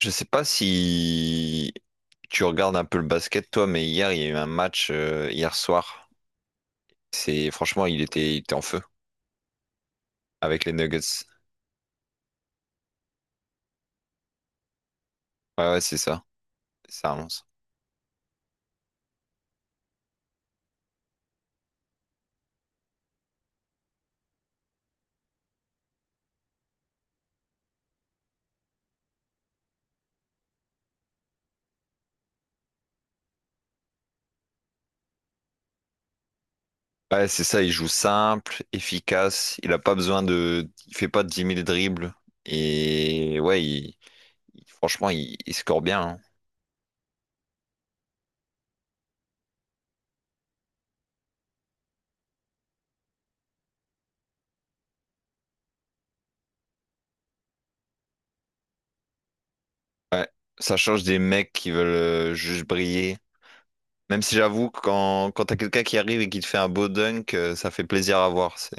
Je sais pas si tu regardes un peu le basket, toi, mais hier, il y a eu un match, hier soir. C'est, franchement, il était en feu avec les Nuggets. Ouais, ouais, c'est ça. C'est un monstre. Ouais, c'est ça. Il joue simple, efficace. Il a pas besoin de, il fait pas dix mille dribbles. Et ouais, franchement, il score bien, hein. Ouais. Ça change des mecs qui veulent juste briller. Même si j'avoue que quand t'as quelqu'un qui arrive et qui te fait un beau dunk, ça fait plaisir à voir. C'est,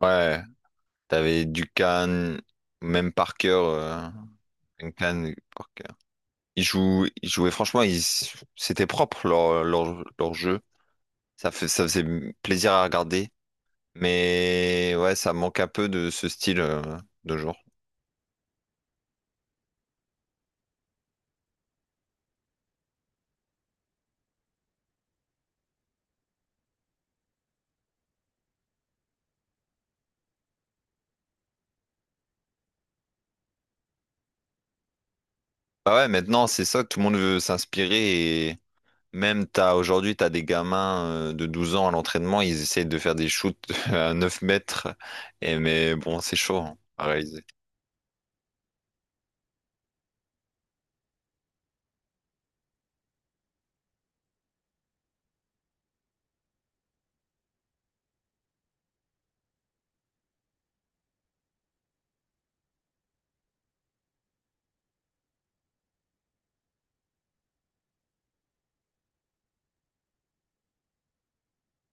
ouais. T'avais Duncan, même Parker. Duncan, Parker. Ils jouaient franchement, ils, c'était propre leur jeu. Ça faisait plaisir à regarder. Mais ouais, ça manque un peu de ce style de jour. Bah ouais, maintenant, c'est ça, tout le monde veut s'inspirer. Et même t'as, aujourd'hui, t'as des gamins de 12 ans à l'entraînement, ils essayent de faire des shoots à 9 mètres. Et mais bon, c'est chaud hein, à réaliser.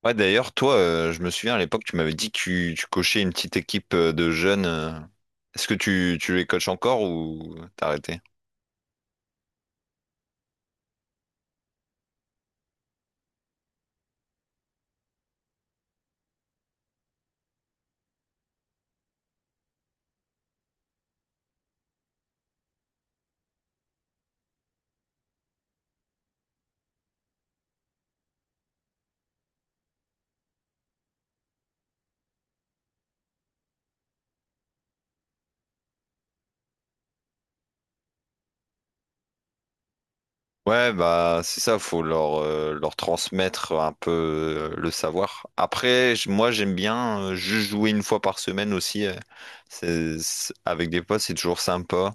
Ouais, d'ailleurs, toi, je me souviens à l'époque, tu m'avais dit que tu coachais une petite équipe de jeunes. Est-ce que tu les coaches encore ou t'as arrêté? Ouais, bah c'est ça, faut leur, leur transmettre un peu le savoir. Après, moi j'aime bien juste jouer une fois par semaine aussi. Avec des potes, c'est toujours sympa.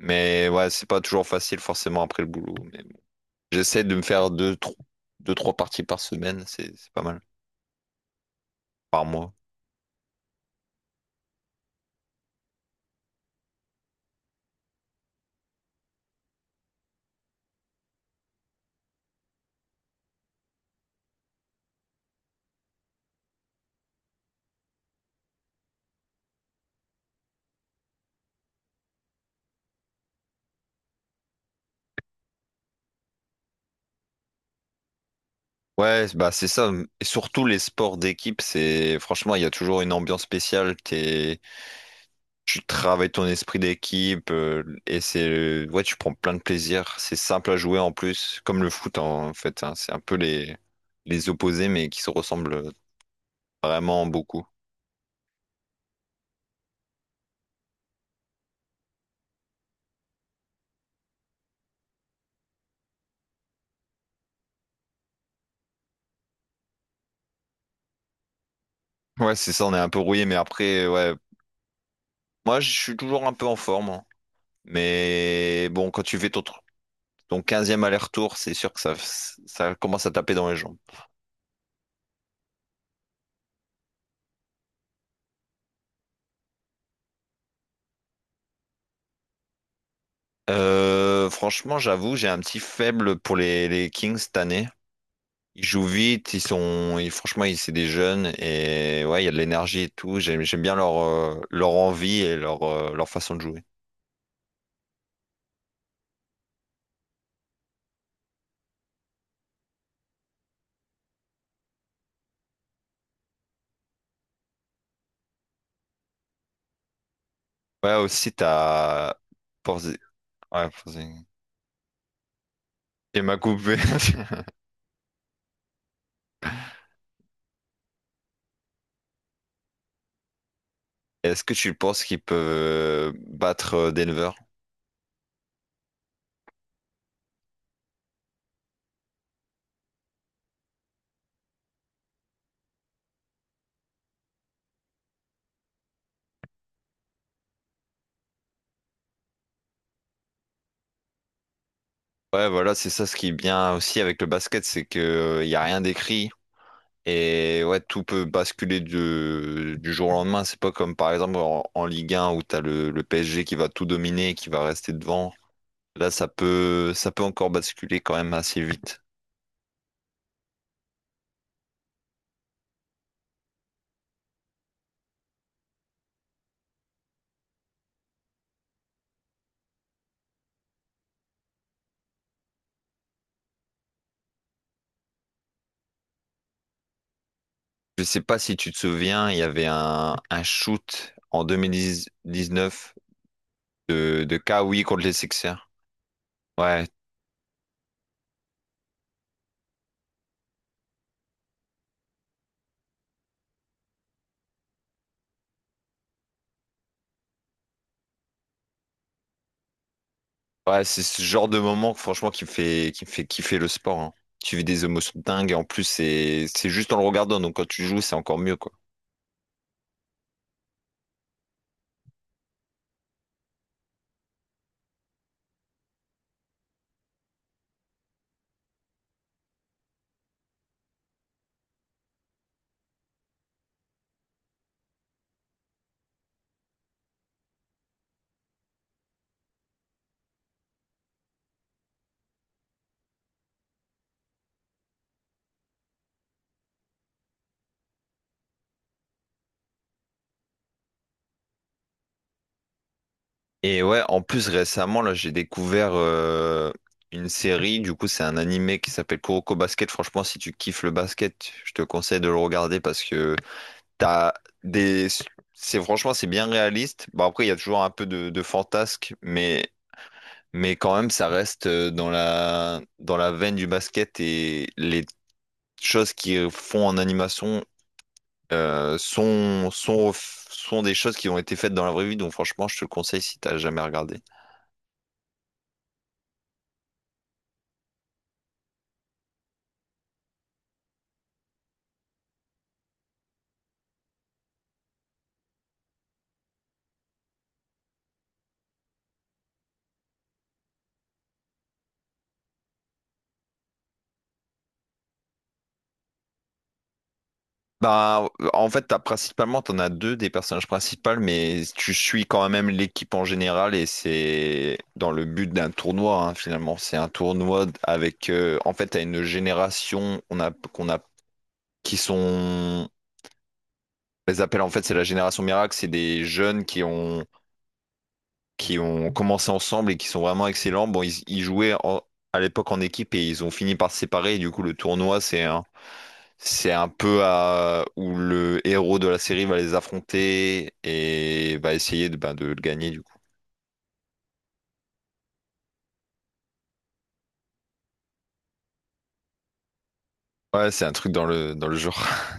Mais ouais, c'est pas toujours facile forcément après le boulot. Mais bon. J'essaie de me faire deux, trois parties par semaine, c'est pas mal. Par mois. Ouais, bah c'est ça. Et surtout les sports d'équipe, c'est franchement, il y a toujours une ambiance spéciale. T'es... Tu travailles ton esprit d'équipe et c'est ouais, tu prends plein de plaisir. C'est simple à jouer en plus, comme le foot en fait, hein. C'est un peu les opposés, mais qui se ressemblent vraiment beaucoup. Ouais, c'est ça. On est un peu rouillé, mais après, ouais, moi je suis toujours un peu en forme, hein. Mais bon, quand tu fais ton 15 aller-retour, c'est sûr que ça commence à taper dans les jambes. Franchement, j'avoue, j'ai un petit faible pour les Kings cette année. Ils jouent vite, ils sont, ils- franchement, ils, c'est des jeunes et ouais, il y a de l'énergie et tout. J'aime bien leur, leur envie et leur, leur façon de jouer. Ouais, aussi, t'as Porzi- Ouais, Porzi- Il m'a coupé. Est-ce que tu penses qu'ils peuvent battre Denver? Ouais, voilà, c'est ça ce qui est bien aussi avec le basket, c'est que il y a rien d'écrit. Et ouais, tout peut basculer du jour au lendemain. C'est pas comme par exemple en Ligue 1 où t'as le PSG qui va tout dominer et qui va rester devant. Là, ça peut encore basculer quand même assez vite. Je sais pas si tu te souviens, il y avait un shoot en 2019 de Kawi contre les Sixers. Ouais, ouais, c'est ce genre de moment franchement qui me fait kiffer le sport, hein. Tu vis des émotions dingues et en plus c'est juste en le regardant, donc quand tu joues, c'est encore mieux quoi. Et ouais, en plus récemment, là, j'ai découvert une série, du coup, c'est un animé qui s'appelle Kuroko Basket. Franchement, si tu kiffes le basket, je te conseille de le regarder parce que t'as des... C'est franchement, c'est bien réaliste. Bon, après, il y a toujours un peu de fantasque, mais quand même, ça reste dans la veine du basket et les choses qu'ils font en animation sont des choses qui ont été faites dans la vraie vie, donc franchement, je te le conseille si t'as jamais regardé. Bah, en fait, t'as principalement, t'en as deux des personnages principaux, mais tu suis quand même l'équipe en général et c'est dans le but d'un tournoi, hein, finalement. C'est un tournoi avec, en fait, t'as une génération, on a, qu'on a, qui sont, on les appelle en fait, c'est la génération miracle, c'est des jeunes qui ont commencé ensemble et qui sont vraiment excellents. Bon, ils jouaient à l'époque en équipe et ils ont fini par se séparer et du coup, le tournoi, c'est un c'est un peu à... où le héros de la série va les affronter et va essayer de, bah, de le gagner du coup. Ouais, c'est un truc dans le genre.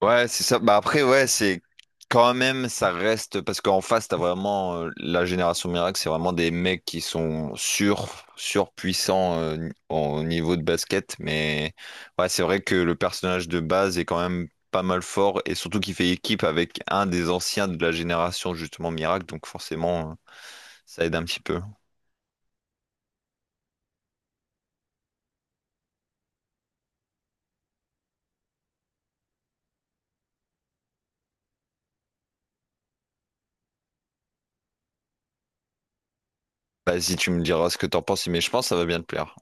Ouais, c'est ça. Bah après, ouais, c'est quand même, ça reste parce qu'en face, t'as vraiment la génération miracle, c'est vraiment des mecs qui sont surpuissants au niveau de basket. Mais ouais, c'est vrai que le personnage de base est quand même pas mal fort et surtout qu'il fait équipe avec un des anciens de la génération justement miracle. Donc forcément. Ça aide un petit peu. Vas-y, tu me diras ce que t'en penses, mais je pense que ça va bien te plaire.